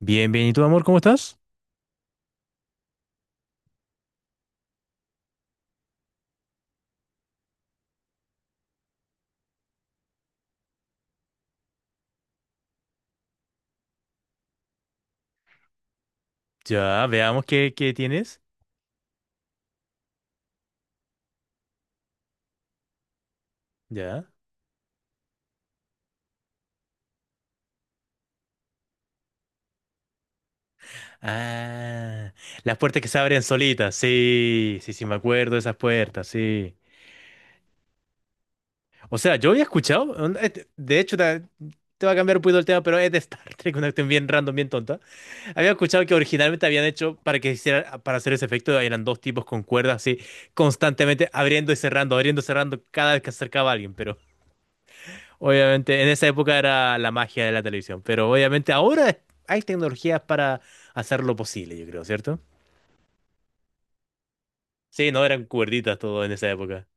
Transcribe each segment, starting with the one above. Bien, bien. ¿Y tú, amor, cómo estás? Ya, veamos qué tienes. Ya. Ah, las puertas que se abren solitas. Sí, sí, sí, me acuerdo de esas puertas, sí. O sea, yo había escuchado, onda, de hecho, va a cambiar un poquito el tema, pero es de Star Trek, una cuestión bien random, bien tonta. Había escuchado que originalmente habían hecho para hacer ese efecto, eran dos tipos con cuerdas así, constantemente abriendo y cerrando cada vez que acercaba a alguien, pero obviamente, en esa época era la magia de la televisión, pero obviamente ahora hay tecnologías para hacerlo posible, yo creo, ¿cierto? Sí, no eran cuerditas todo en esa época.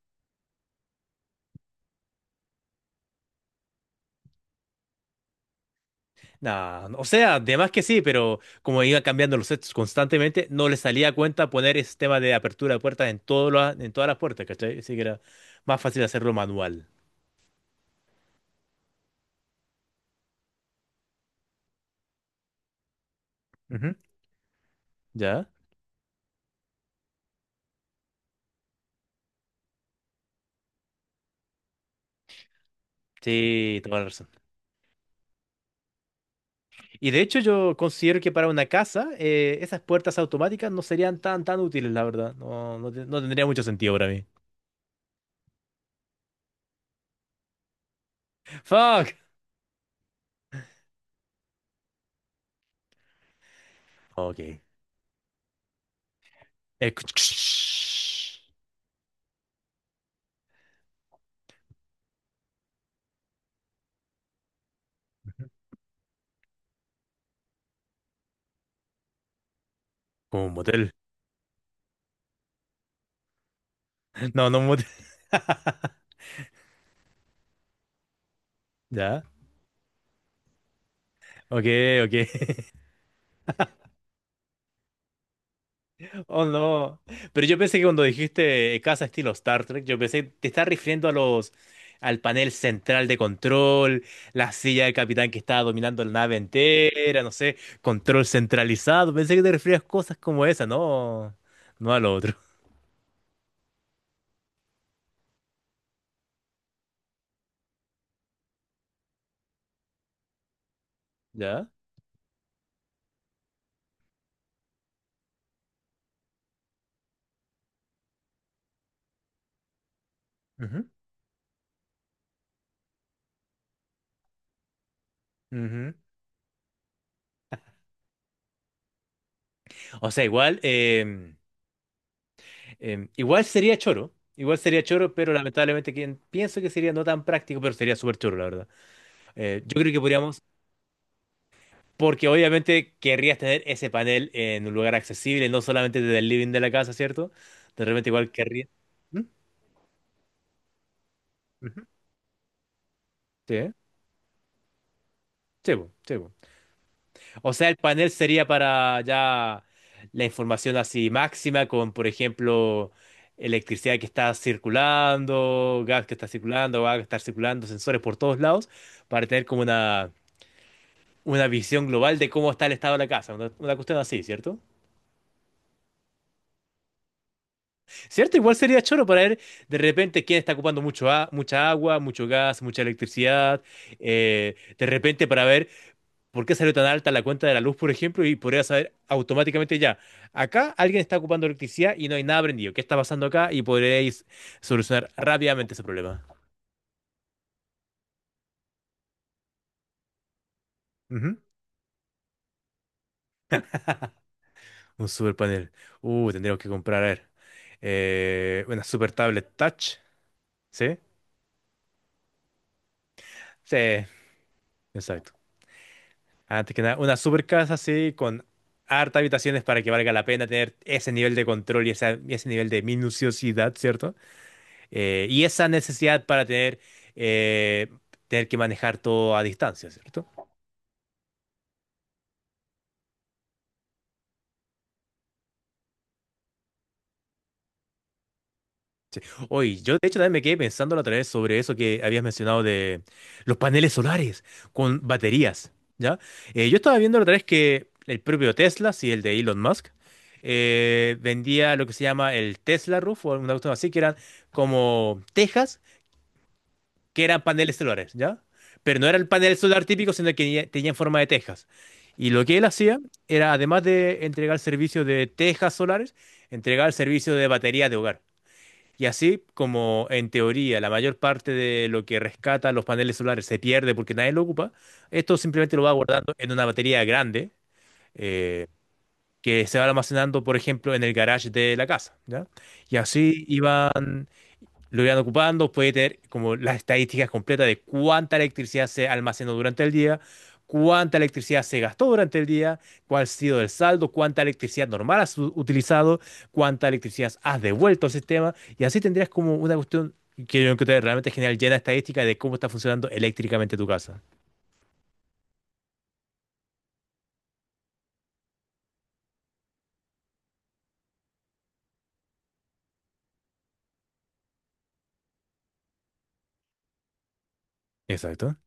Nah, o sea, además que sí, pero como iba cambiando los sets constantemente, no le salía a cuenta poner ese tema de apertura de puertas en, en todas las puertas, ¿cachai? Así que era más fácil hacerlo manual. Ujú, ¿ya? Sí, toda la razón. Y de hecho yo considero que para una casa esas puertas automáticas no serían tan útiles, la verdad. No, no, no tendría mucho sentido para mí. Fuck. Ok. Eh, Como un motel. No, no un motel. Ya. Ok, ok. Oh, no. Pero yo pensé que cuando dijiste casa estilo Star Trek, yo pensé, te estás refiriendo a los, al panel central de control, la silla del capitán que estaba dominando la nave entera, no sé, control centralizado. Pensé que te referías a cosas como esa, no, no a lo otro. Ya. Ujú, ujú. O sea, igual, igual sería choro. Igual sería choro, pero lamentablemente pienso que sería no tan práctico, pero sería súper choro, la verdad. Yo creo que podríamos. Porque obviamente querrías tener ese panel en un lugar accesible, no solamente desde el living de la casa, ¿cierto? De repente igual querrías. ¿Mm? Ujú. Sí, sí, po, sí, po. O sea, el panel sería para ya la información así máxima con, por ejemplo, electricidad que está circulando, gas que está circulando, agua que está circulando, sensores por todos lados, para tener como una visión global de cómo está el estado de la casa, una cuestión así, ¿cierto? ¿Cierto? Igual sería choro para ver de repente quién está ocupando mucha agua, mucho gas, mucha electricidad. De repente para ver por qué salió tan alta la cuenta de la luz, por ejemplo, y podría saber automáticamente ya, acá alguien está ocupando electricidad y no hay nada prendido. ¿Qué está pasando acá? Y podréis solucionar rápidamente ese problema. Ujú. Un super panel. Tendríamos que comprar, a ver, una super tablet touch. ¿Sí? Sí, exacto. Antes que nada, una super casa así con harta habitaciones para que valga la pena tener ese nivel de control y y ese nivel de minuciosidad, ¿cierto? Y esa necesidad para tener, eh, tener que manejar todo a distancia, ¿cierto? Oye, yo de hecho también me quedé pensando la otra vez sobre eso que habías mencionado de los paneles solares con baterías, ¿ya? Yo estaba viendo la otra vez que el propio Tesla, sí, el de Elon Musk, vendía lo que se llama el Tesla Roof o alguna cuestión así, que eran como tejas que eran paneles solares, ¿ya? Pero no era el panel solar típico, sino que tenía en forma de tejas. Y lo que él hacía era, además de entregar servicio de tejas solares, entregar servicio de batería de hogar. Y así como en teoría la mayor parte de lo que rescata los paneles solares se pierde porque nadie lo ocupa, esto simplemente lo va guardando en una batería grande eh, que se va almacenando, por ejemplo, en el garage de la casa, ¿ya? Y así iban lo irán ocupando, puede tener como las estadísticas completas de cuánta electricidad se almacenó durante el día, cuánta electricidad se gastó durante el día, cuál ha sido el saldo, cuánta electricidad normal has utilizado, cuánta electricidad has devuelto al sistema, y así tendrías como una cuestión que yo encontré realmente genial, llena de estadística de cómo está funcionando eléctricamente tu casa. Exacto.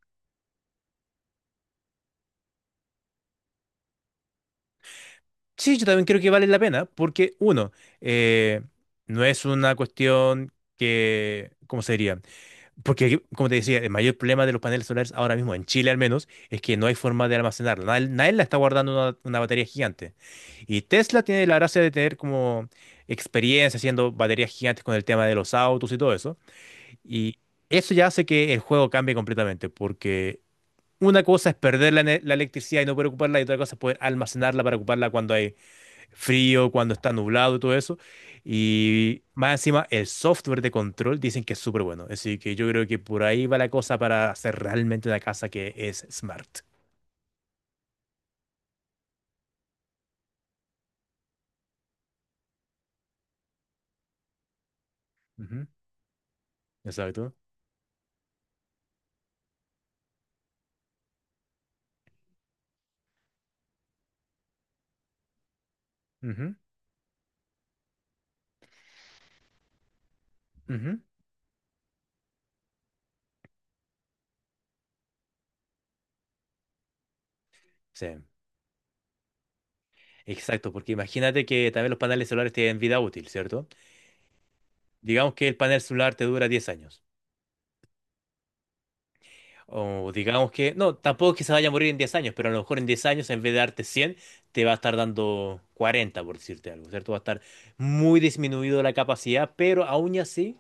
Sí, yo también creo que vale la pena, porque uno, eh, no es una cuestión que, ¿cómo se diría? Porque, como te decía, el mayor problema de los paneles solares ahora mismo, en Chile al menos, es que no hay forma de almacenarla. Nadie, nadie la está guardando en una batería gigante. Y Tesla tiene la gracia de tener como experiencia haciendo baterías gigantes con el tema de los autos y todo eso. Y eso ya hace que el juego cambie completamente, porque una cosa es perder la electricidad y no poder ocuparla, y otra cosa es poder almacenarla para ocuparla cuando hay frío, cuando está nublado y todo eso. Y más encima, el software de control dicen que es súper bueno. Así que yo creo que por ahí va la cosa para hacer realmente una casa que es smart. Ujú, exacto. Ujú, ujú. Sí, exacto, porque imagínate que también los paneles solares tienen vida útil, ¿cierto? Digamos que el panel solar te dura 10 años. O digamos que, no, tampoco es que se vaya a morir en 10 años, pero a lo mejor en 10 años en vez de darte 100 te va a estar dando 40 por decirte algo, ¿cierto? Va a estar muy disminuido la capacidad, pero aún y así,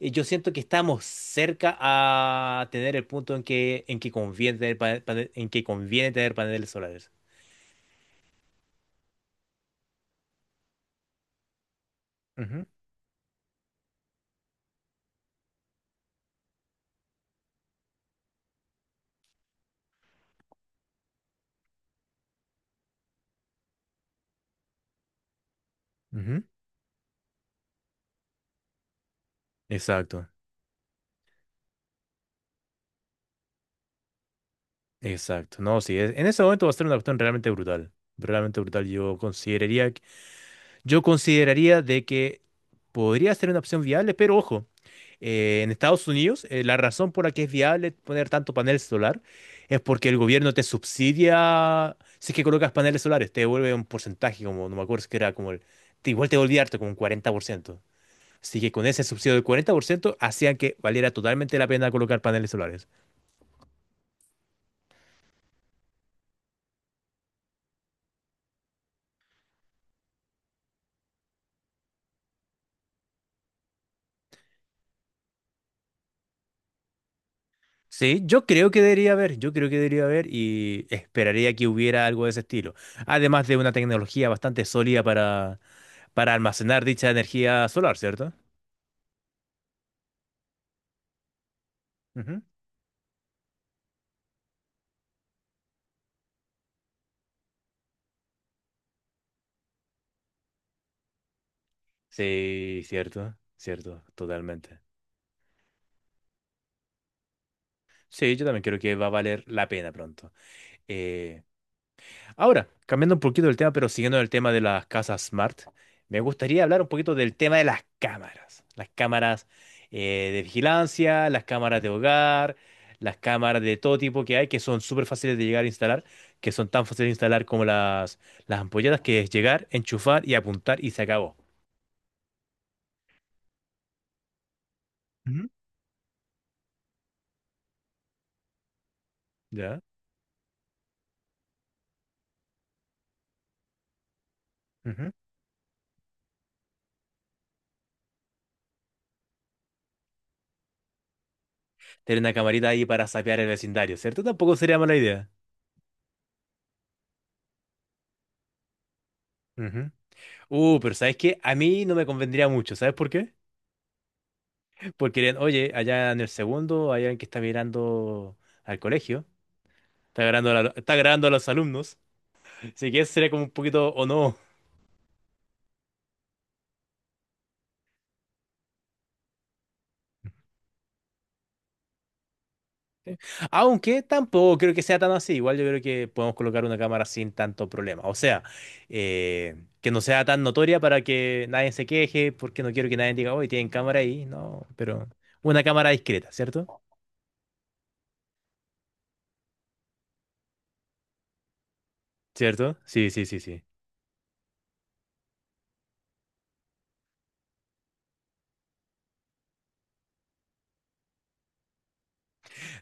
yo siento que estamos cerca a tener el punto en que conviene tener paneles solares. Ujú, ujú. Exacto, exacto. No, sí, en ese momento va a ser una cuestión realmente brutal. Realmente brutal. Yo consideraría, yo consideraría de que podría ser una opción viable, pero ojo. En Estados Unidos, la razón por la que es viable poner tanto panel solar es porque el gobierno te subsidia si es que colocas paneles solares, te devuelve un porcentaje, como no me acuerdo si que era como el, igual te devolvía harto, como un 40%. Así que con ese subsidio del 40% hacían que valiera totalmente la pena colocar paneles solares. Sí, yo creo que debería haber, yo creo que debería haber y esperaría que hubiera algo de ese estilo. Además de una tecnología bastante sólida para, almacenar dicha energía solar, cierto. Ujú. Sí, cierto, cierto, totalmente. Sí, yo también creo que va a valer la pena pronto. Eh, ahora, cambiando un poquito del tema, pero siguiendo el tema de las casas smart, me gustaría hablar un poquito del tema de las cámaras. Las cámaras de vigilancia, las cámaras de hogar, las cámaras de todo tipo que hay, que son súper fáciles de llegar a instalar, que son tan fáciles de instalar como las ampolletas, que es llegar, enchufar y apuntar y se acabó. Ujú. ¿Ya? Tener una camarita ahí para sapear el vecindario, ¿cierto? Tampoco sería mala idea. Ujú. Pero ¿sabes qué? A mí no me convendría mucho, ¿sabes por qué? Porque dirían, oye, allá en el segundo hay alguien que está mirando al colegio, está grabando a, está grabando a los alumnos, así que eso sería como un poquito o no. Aunque tampoco creo que sea tan así, igual yo creo que podemos colocar una cámara sin tanto problema. O sea, eh, que no sea tan notoria para que nadie se queje, porque no quiero que nadie diga, oye, tienen cámara ahí, no, pero una cámara discreta, ¿cierto? ¿Cierto? Sí, sí, sí, sí.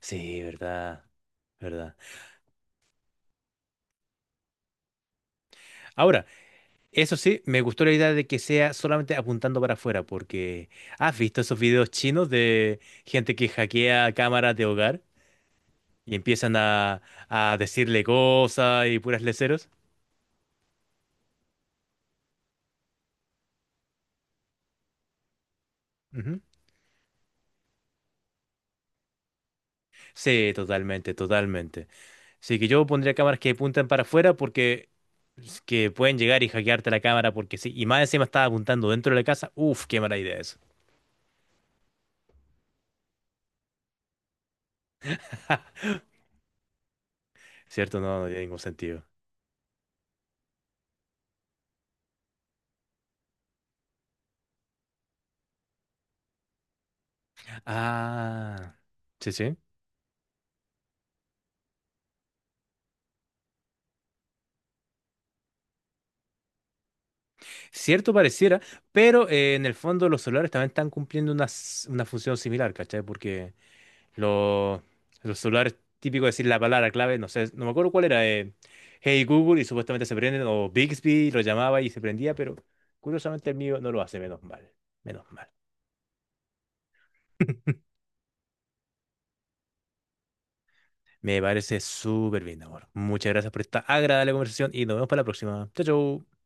Sí, verdad. ¿Verdad? Ahora, eso sí, me gustó la idea de que sea solamente apuntando para afuera, porque ¿has visto esos videos chinos de gente que hackea cámaras de hogar y empiezan a decirle cosas y puras leceros? Ujú. Sí, totalmente, totalmente. Así que yo pondría cámaras que apuntan para afuera porque es que pueden llegar y hackearte la cámara porque sí. Y más encima estaba apuntando dentro de la casa. Uf, qué mala idea eso. ¿Cierto? No, no tiene ningún sentido. Ah, sí, sí. Cierto pareciera, pero en el fondo los celulares también están cumpliendo una función similar, ¿cachai? Porque los los celulares, típico decir la palabra clave, no sé, no me acuerdo cuál era, Hey Google y supuestamente se prenden, o Bixby lo llamaba y se prendía, pero curiosamente el mío no lo hace, menos mal, menos mal. Me parece súper bien, amor. Muchas gracias por esta agradable conversación y nos vemos para la próxima. Chao, chao.